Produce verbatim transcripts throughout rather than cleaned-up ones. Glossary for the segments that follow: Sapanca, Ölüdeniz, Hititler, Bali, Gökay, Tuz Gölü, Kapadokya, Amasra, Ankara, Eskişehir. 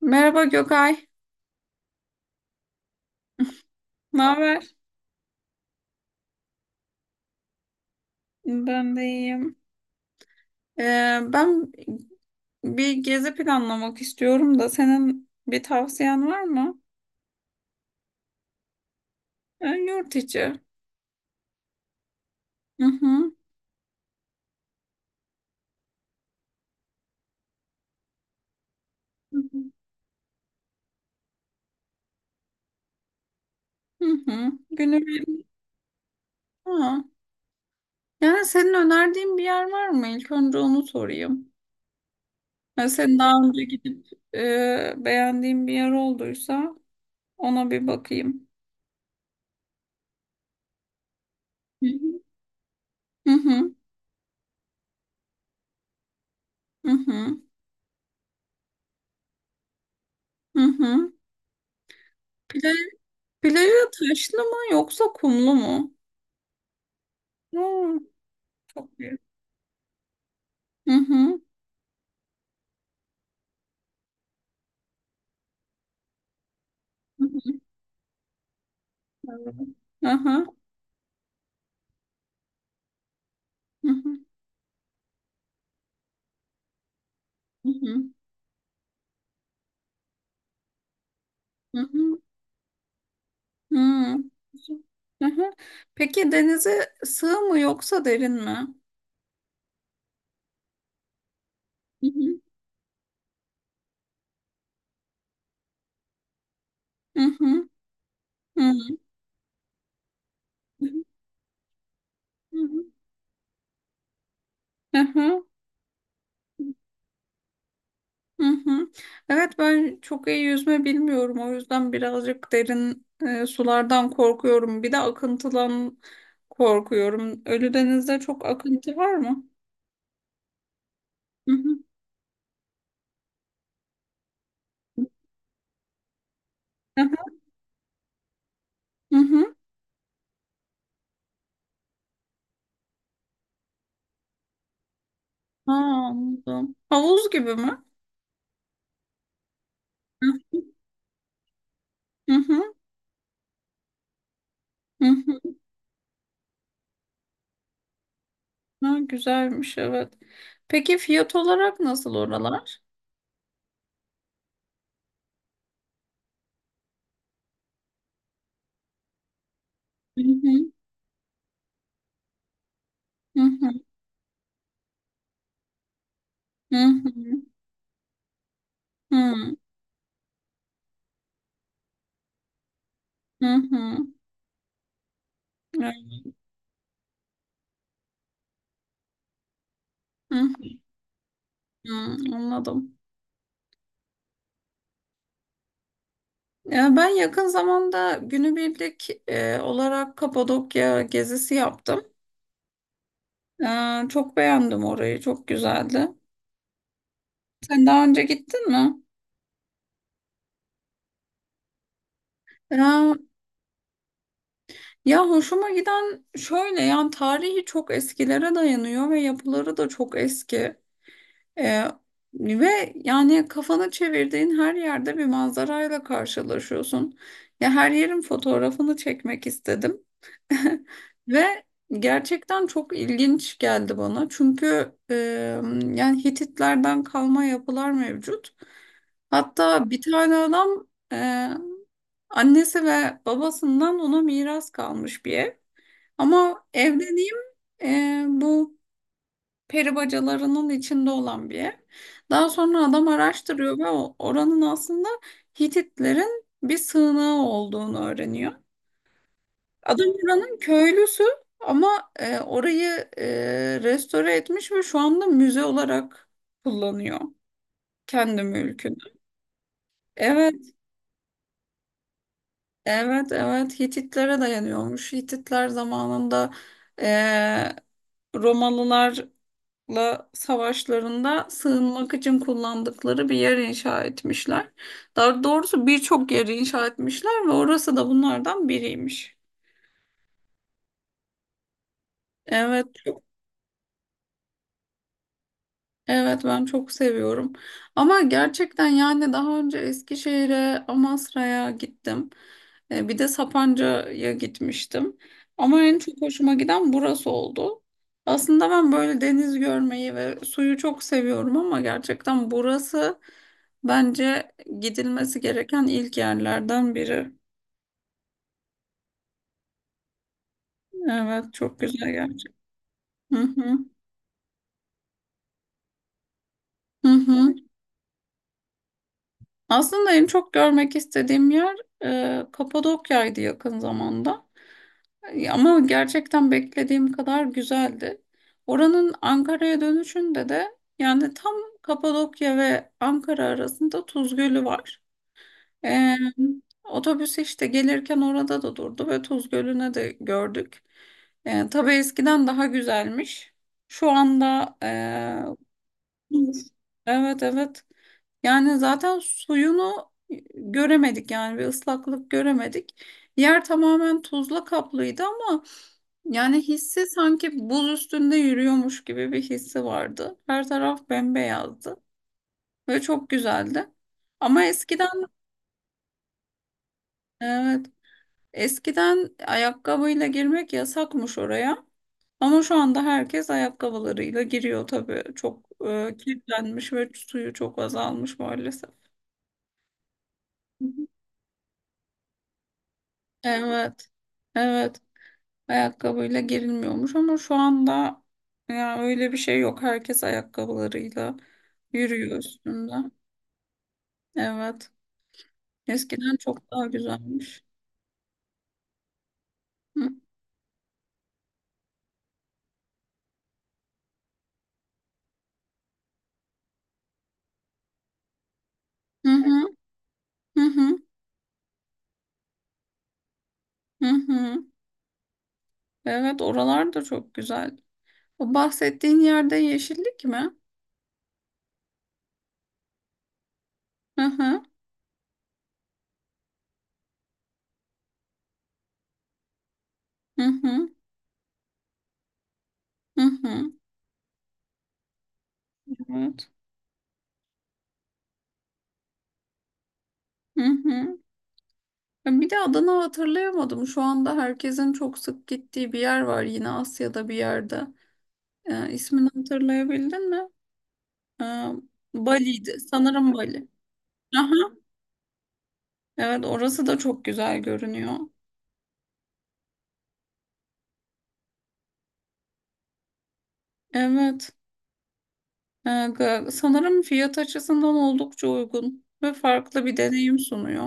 Merhaba Gökay. Ne haber? Ben de iyiyim. Ee, ben bir gezi planlamak istiyorum da senin bir tavsiyen var mı? Ee, yurt içi. Hı hı. Hı hı. Günü bir- Ha. Yani senin önerdiğin bir yer var mı? İlk önce onu sorayım. Yani senin daha önce gidip e, beğendiğin bir yer olduysa ona bir bakayım. Hı hı. Hı hı. Hı hı. Hı hı. Plaj, plajı taşlı mı yoksa kumlu mu? Hı. Çok büyük. Hı hı. Hı hı. Hı hı. Hı hı. Hı hı. Hı hı. Hı. Hı hı. Peki denize sığ mı yoksa derin mi? Hı hı. Hı hı. Hı hı. Hı hı. Hı hı. Evet, ben çok iyi yüzme bilmiyorum, o yüzden birazcık derin e, sulardan korkuyorum. Bir de akıntıdan korkuyorum. Ölüdeniz'de çok akıntı var mı? Hı hı. Hı hı. Hı hı. Ha, anladım. Havuz gibi mi? Hı hı, hı hı. Ha, güzelmiş, evet. Peki fiyat olarak nasıl oralar? Hı hı, hı hı, hı hı, hı hı, hı. Evet, hı hı, anladım. Ya ben yakın zamanda günübirlik e, olarak Kapadokya gezisi yaptım. E, çok beğendim orayı, çok güzeldi. Sen daha önce gittin mi? Ya, ya hoşuma giden şöyle, yani tarihi çok eskilere dayanıyor ve yapıları da çok eski. Ee, Ve yani kafanı çevirdiğin her yerde bir manzarayla karşılaşıyorsun. Ya, her yerin fotoğrafını çekmek istedim. Ve gerçekten çok ilginç geldi bana. Çünkü e, yani Hititlerden kalma yapılar mevcut. Hatta bir tane adam, e, annesi ve babasından ona miras kalmış bir ev. Ama evleneyim e, bu peri bacalarının içinde olan bir ev. Daha sonra adam araştırıyor ve o- oranın aslında Hititlerin bir sığınağı olduğunu öğreniyor. Adam oranın köylüsü ama e, orayı, e, restore etmiş ve şu anda müze olarak kullanıyor kendi mülkünü. Evet, evet, evet, Hititlere dayanıyormuş. Hititler zamanında, e, Romalılar La savaşlarında sığınmak için kullandıkları bir yer inşa etmişler. Daha doğrusu birçok yeri inşa etmişler ve orası da bunlardan biriymiş. Evet, evet ben çok seviyorum. Ama gerçekten, yani daha önce Eskişehir'e, Amasra'ya gittim. E, Bir de Sapanca'ya gitmiştim. Ama en çok hoşuma giden burası oldu. Aslında ben böyle deniz görmeyi ve suyu çok seviyorum ama gerçekten burası bence gidilmesi gereken ilk yerlerden biri. Evet, çok güzel gerçekten. Hı hı. Hı hı. Aslında en çok görmek istediğim yer e, Kapadokya'ydı yakın zamanda. Ama gerçekten beklediğim kadar güzeldi. Oranın Ankara'ya dönüşünde de, yani tam Kapadokya ve Ankara arasında Tuz Gölü var. Ee, Otobüs işte gelirken orada da durdu ve Tuz Gölü'ne de gördük. Ee, tabii eskiden daha güzelmiş. Şu anda. Evet, evet. Yani zaten suyunu göremedik, yani bir ıslaklık göremedik. Yer tamamen tuzla kaplıydı ama yani hissi sanki buz üstünde yürüyormuş gibi bir hissi vardı. Her taraf bembeyazdı ve çok güzeldi. Ama eskiden, evet, eskiden ayakkabıyla girmek yasakmış oraya. Ama şu anda herkes ayakkabılarıyla giriyor tabii. Çok e, kirlenmiş ve suyu çok azalmış maalesef. Evet. Evet. Ayakkabıyla girilmiyormuş ama şu anda ya öyle bir şey yok. Herkes ayakkabılarıyla yürüyor üstünde. Evet. Eskiden çok daha güzelmiş. Hı hı, hı hı, hı. Hı. Evet, oralar da çok güzel. O bahsettiğin yerde yeşillik mi? Hı hı, hı hı, hı. Hı. Evet. Hı hı. Ya, bir de adını hatırlayamadım. Şu anda herkesin çok sık gittiği bir yer var yine Asya'da bir yerde. Ee, ismini hatırlayabildin mi? Ee, Bali'ydi. Sanırım Bali. Aha, evet orası da çok güzel görünüyor. Evet. Ee, ga- sanırım fiyat açısından oldukça uygun ve farklı bir deneyim sunuyor.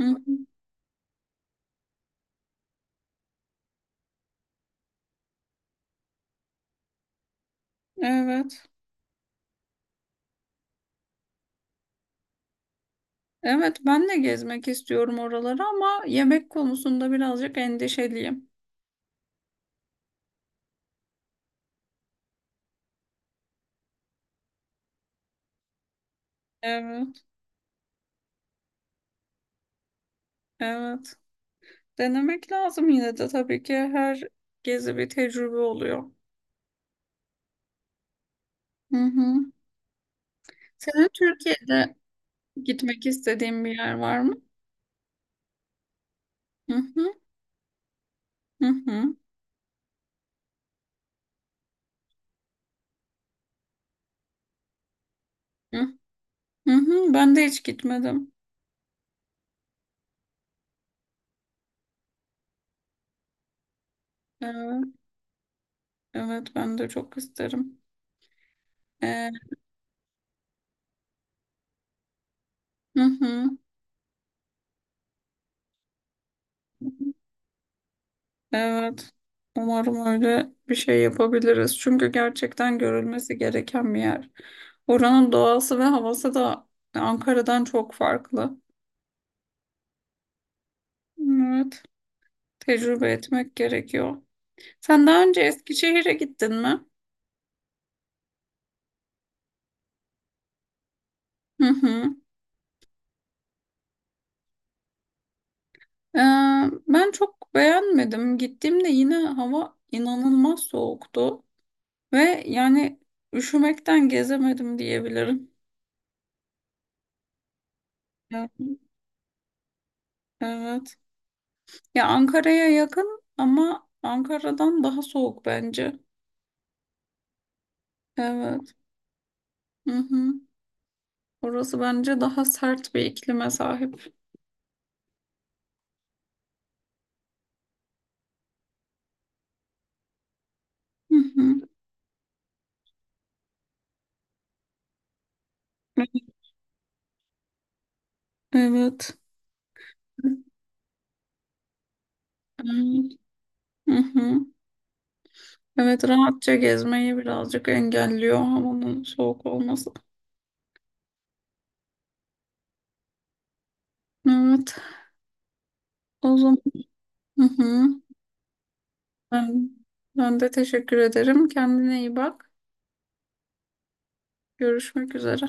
Hı hı, evet. Evet, ben de gezmek istiyorum oraları ama yemek konusunda birazcık endişeliyim. Evet. Evet. Denemek lazım yine de, tabii ki her gezi bir tecrübe oluyor. Hı hı. Senin Türkiye'de gitmek istediğim bir yer var mı? Hı hı, hı hı, hı hı. Hı. Ben de hiç gitmedim. Evet, evet ben de çok isterim. Ee, hı hı. Evet. Umarım öyle bir şey yapabiliriz. Çünkü gerçekten görülmesi gereken bir yer. Oranın doğası ve havası da Ankara'dan çok farklı. Evet. Tecrübe etmek gerekiyor. Sen daha önce Eskişehir'e gittin mi? Hı hı. Ee, Ben çok beğenmedim. Gittiğimde yine hava inanılmaz soğuktu ve yani üşümekten gezemedim diyebilirim. Yani, evet. Ya, Ankara'ya yakın ama Ankara'dan daha soğuk bence. Evet. Hı hı. Orası bence daha sert bir iklime sahip. Hı hı. Evet. Evet. Hı hı. Evet, rahatça gezmeyi birazcık engelliyor havanın soğuk olması. Evet. O zaman, hı hı. Ben, ben de teşekkür ederim. Kendine iyi bak. Görüşmek üzere.